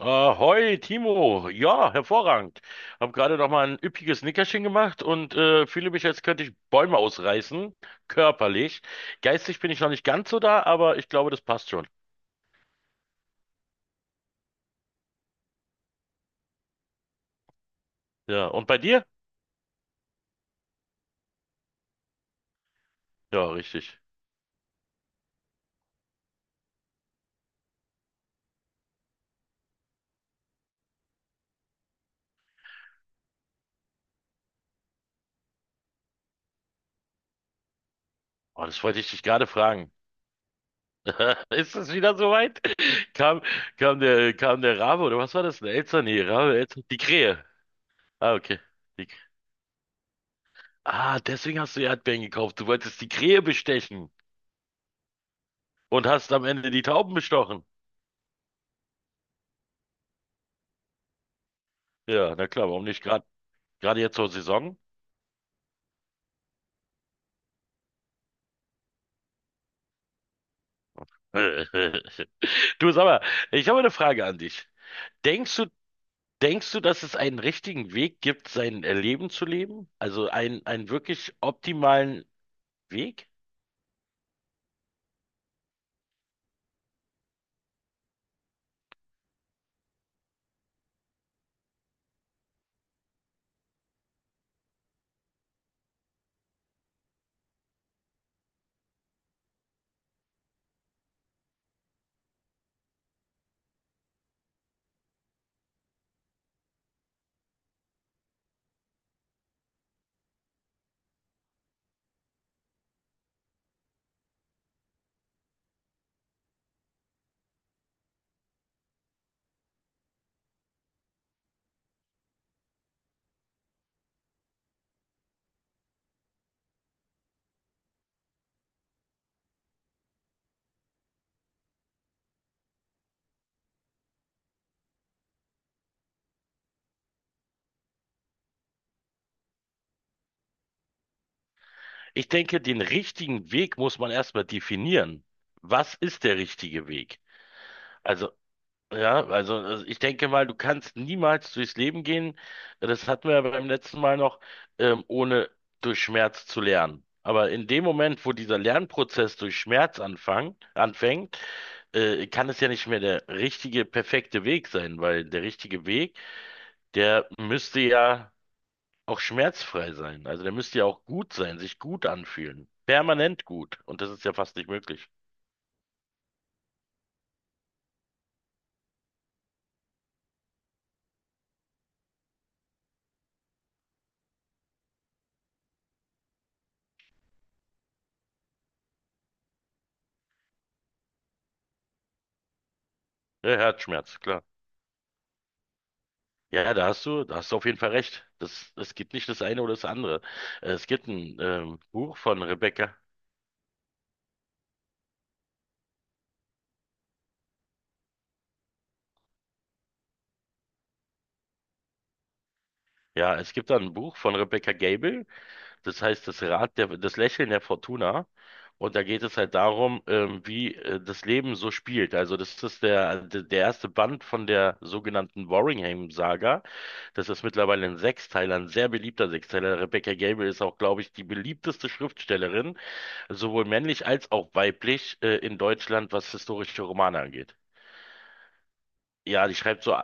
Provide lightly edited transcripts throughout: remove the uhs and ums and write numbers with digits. Ahoi, Timo. Ja, hervorragend. Hab gerade noch mal ein üppiges Nickerchen gemacht und fühle mich, als könnte ich Bäume ausreißen, körperlich. Geistig bin ich noch nicht ganz so da, aber ich glaube, das passt schon. Ja, und bei dir? Ja, richtig. Oh, das wollte ich dich gerade fragen. Ist es wieder soweit? Kam, kam der Rabe oder was war das? Eine Elster? Nee, Rabe, Elster. Die Krähe. Ah, okay. Die, ah, deswegen hast du Erdbeeren gekauft. Du wolltest die Krähe bestechen und hast am Ende die Tauben bestochen. Ja, na klar, warum nicht? Gerade jetzt zur Saison? Du, sag mal, ich habe eine Frage an dich. Denkst du, denkst du, dass es einen richtigen Weg gibt, sein Leben zu leben? Also einen wirklich optimalen Weg? Ich denke, den richtigen Weg muss man erstmal definieren. Was ist der richtige Weg? Also ja, also ich denke mal, du kannst niemals durchs Leben gehen. Das hatten wir ja beim letzten Mal noch, ohne durch Schmerz zu lernen. Aber in dem Moment, wo dieser Lernprozess durch Schmerz anfängt, kann es ja nicht mehr der richtige, perfekte Weg sein, weil der richtige Weg, der müsste ja auch schmerzfrei sein. Also der müsste ja auch gut sein, sich gut anfühlen. Permanent gut. Und das ist ja fast nicht möglich. Ja, Herzschmerz, klar. Ja, ja, da hast du auf jeden Fall recht. Das, es gibt nicht das eine oder das andere. Es gibt ein Buch von Rebecca. Ja, es gibt da ein Buch von Rebecca Gable. Das heißt das Lächeln der Fortuna. Und da geht es halt darum, wie das Leben so spielt. Also das ist der erste Band von der sogenannten Warringham-Saga. Das ist mittlerweile ein Sechsteiler, ein sehr beliebter Sechsteiler. Rebecca Gable ist auch, glaube ich, die beliebteste Schriftstellerin sowohl männlich als auch weiblich in Deutschland, was historische Romane angeht. Ja, die schreibt so,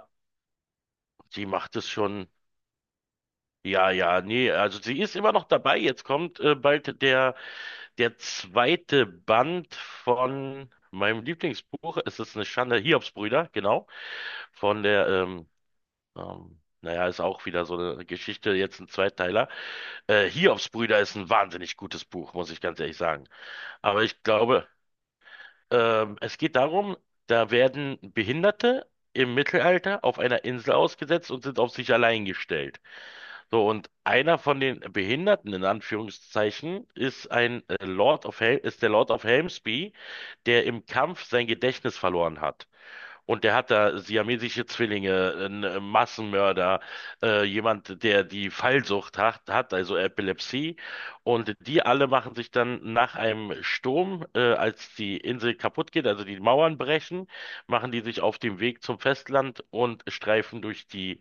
die macht es schon. Ja, ja, nee, also sie ist immer noch dabei. Jetzt kommt bald der zweite Band von meinem Lieblingsbuch. Es ist eine Schande, Hiobsbrüder, genau. Von der, naja, ist auch wieder so eine Geschichte, jetzt ein Zweiteiler. Hiobsbrüder ist ein wahnsinnig gutes Buch, muss ich ganz ehrlich sagen. Aber ich glaube, es geht darum, da werden Behinderte im Mittelalter auf einer Insel ausgesetzt und sind auf sich allein gestellt. So, und einer von den Behinderten, in Anführungszeichen, ist ein Lord of Hel ist der Lord of Helmsby, der im Kampf sein Gedächtnis verloren hat. Und der hat da siamesische Zwillinge, einen Massenmörder, jemand, der die Fallsucht hat, also Epilepsie. Und die alle machen sich dann nach einem Sturm, als die Insel kaputt geht, also die Mauern brechen, machen die sich auf den Weg zum Festland und streifen durch die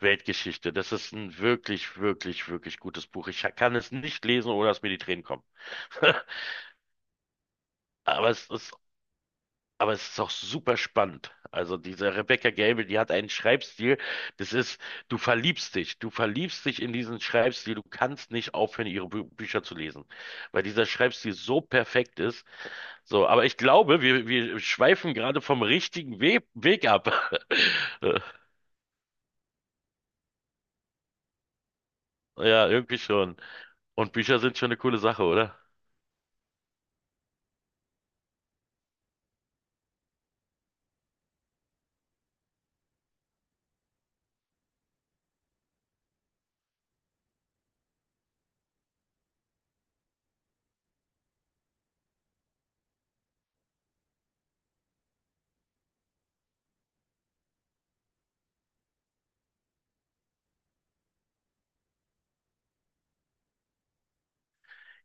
Weltgeschichte. Das ist ein wirklich, wirklich, wirklich gutes Buch. Ich kann es nicht lesen, ohne dass mir die Tränen kommen. Aber es ist aber es ist auch super spannend. Also diese Rebecca Gable, die hat einen Schreibstil, das ist, du verliebst dich in diesen Schreibstil, du kannst nicht aufhören, ihre Bü Bücher zu lesen, weil dieser Schreibstil so perfekt ist. So, aber ich glaube, wir schweifen gerade vom richtigen We Weg ab. Ja, irgendwie schon. Und Bücher sind schon eine coole Sache, oder?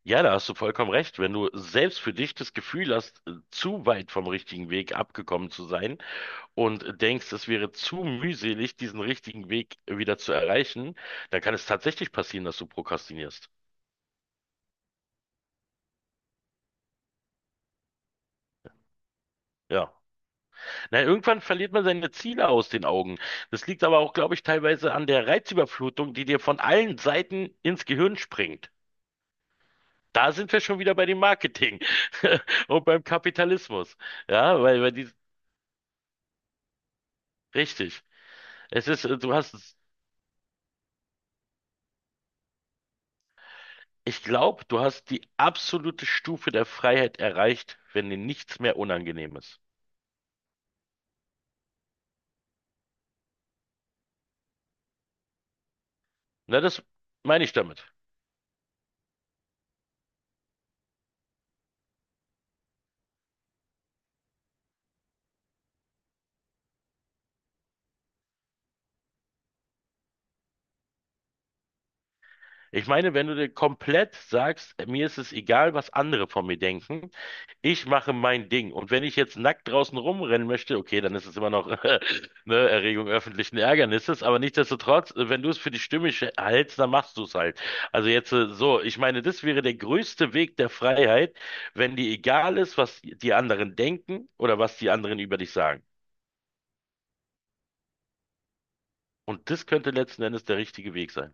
Ja, da hast du vollkommen recht. Wenn du selbst für dich das Gefühl hast, zu weit vom richtigen Weg abgekommen zu sein, und denkst, es wäre zu mühselig, diesen richtigen Weg wieder zu erreichen, dann kann es tatsächlich passieren, dass du prokrastinierst. Ja. Na, irgendwann verliert man seine Ziele aus den Augen. Das liegt aber auch, glaube ich, teilweise an der Reizüberflutung, die dir von allen Seiten ins Gehirn springt. Da sind wir schon wieder bei dem Marketing und beim Kapitalismus. Ja, richtig. Es ist, ich glaube, du hast die absolute Stufe der Freiheit erreicht, wenn dir nichts mehr unangenehm ist. Na, das meine ich damit. Ich meine, wenn du dir komplett sagst, mir ist es egal, was andere von mir denken, ich mache mein Ding. Und wenn ich jetzt nackt draußen rumrennen möchte, okay, dann ist es immer noch ne, Erregung öffentlichen Ärgernisses, aber nichtsdestotrotz, wenn du es für die Stimme hältst, dann machst du es halt. Also jetzt so, ich meine, das wäre der größte Weg der Freiheit, wenn dir egal ist, was die anderen denken oder was die anderen über dich sagen. Und das könnte letzten Endes der richtige Weg sein.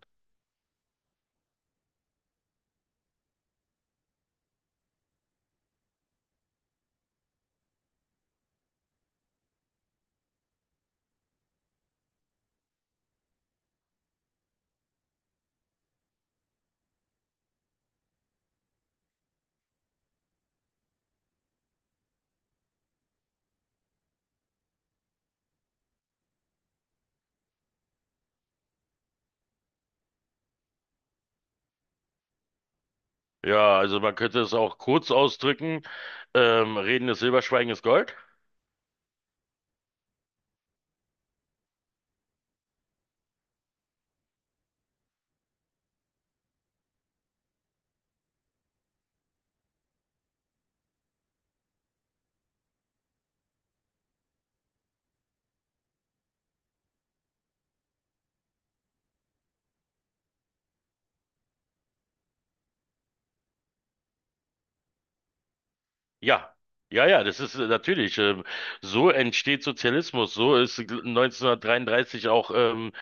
Ja, also man könnte es auch kurz ausdrücken. Reden ist Silber, Schweigen ist Gold. Ja, ja, ja, das ist natürlich. So entsteht Sozialismus. So ist 1933 auch ähm,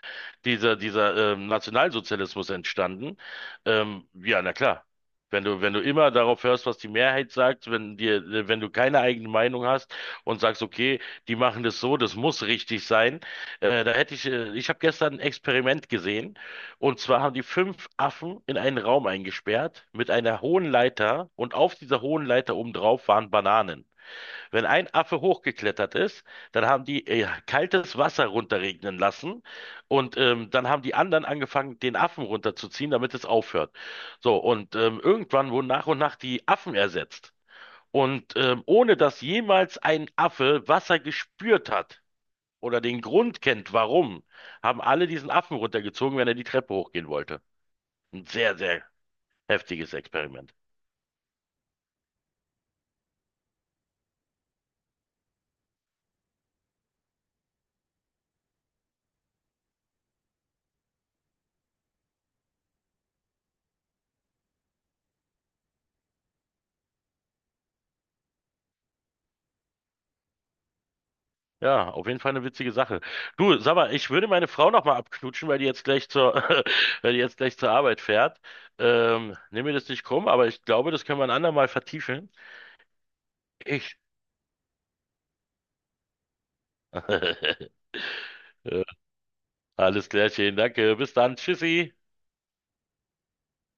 dieser, dieser ähm, Nationalsozialismus entstanden. Ja, na klar. Wenn du immer darauf hörst, was die Mehrheit sagt, wenn du keine eigene Meinung hast und sagst, okay, die machen das so, das muss richtig sein, ich habe gestern ein Experiment gesehen, und zwar haben die fünf Affen in einen Raum eingesperrt mit einer hohen Leiter und auf dieser hohen Leiter obendrauf waren Bananen. Wenn ein Affe hochgeklettert ist, dann haben die kaltes Wasser runterregnen lassen, und dann haben die anderen angefangen, den Affen runterzuziehen, damit es aufhört. So, und irgendwann wurden nach und nach die Affen ersetzt. Und ohne dass jemals ein Affe Wasser gespürt hat oder den Grund kennt, warum, haben alle diesen Affen runtergezogen, wenn er die Treppe hochgehen wollte. Ein sehr, sehr heftiges Experiment. Ja, auf jeden Fall eine witzige Sache. Du, sag mal, ich würde meine Frau noch mal abknutschen, weil die jetzt gleich zur, weil die jetzt gleich zur Arbeit fährt. Nimm mir das nicht krumm, aber ich glaube, das können wir ein andermal vertiefen. Ich. Alles klärchen, danke. Bis dann. Tschüssi.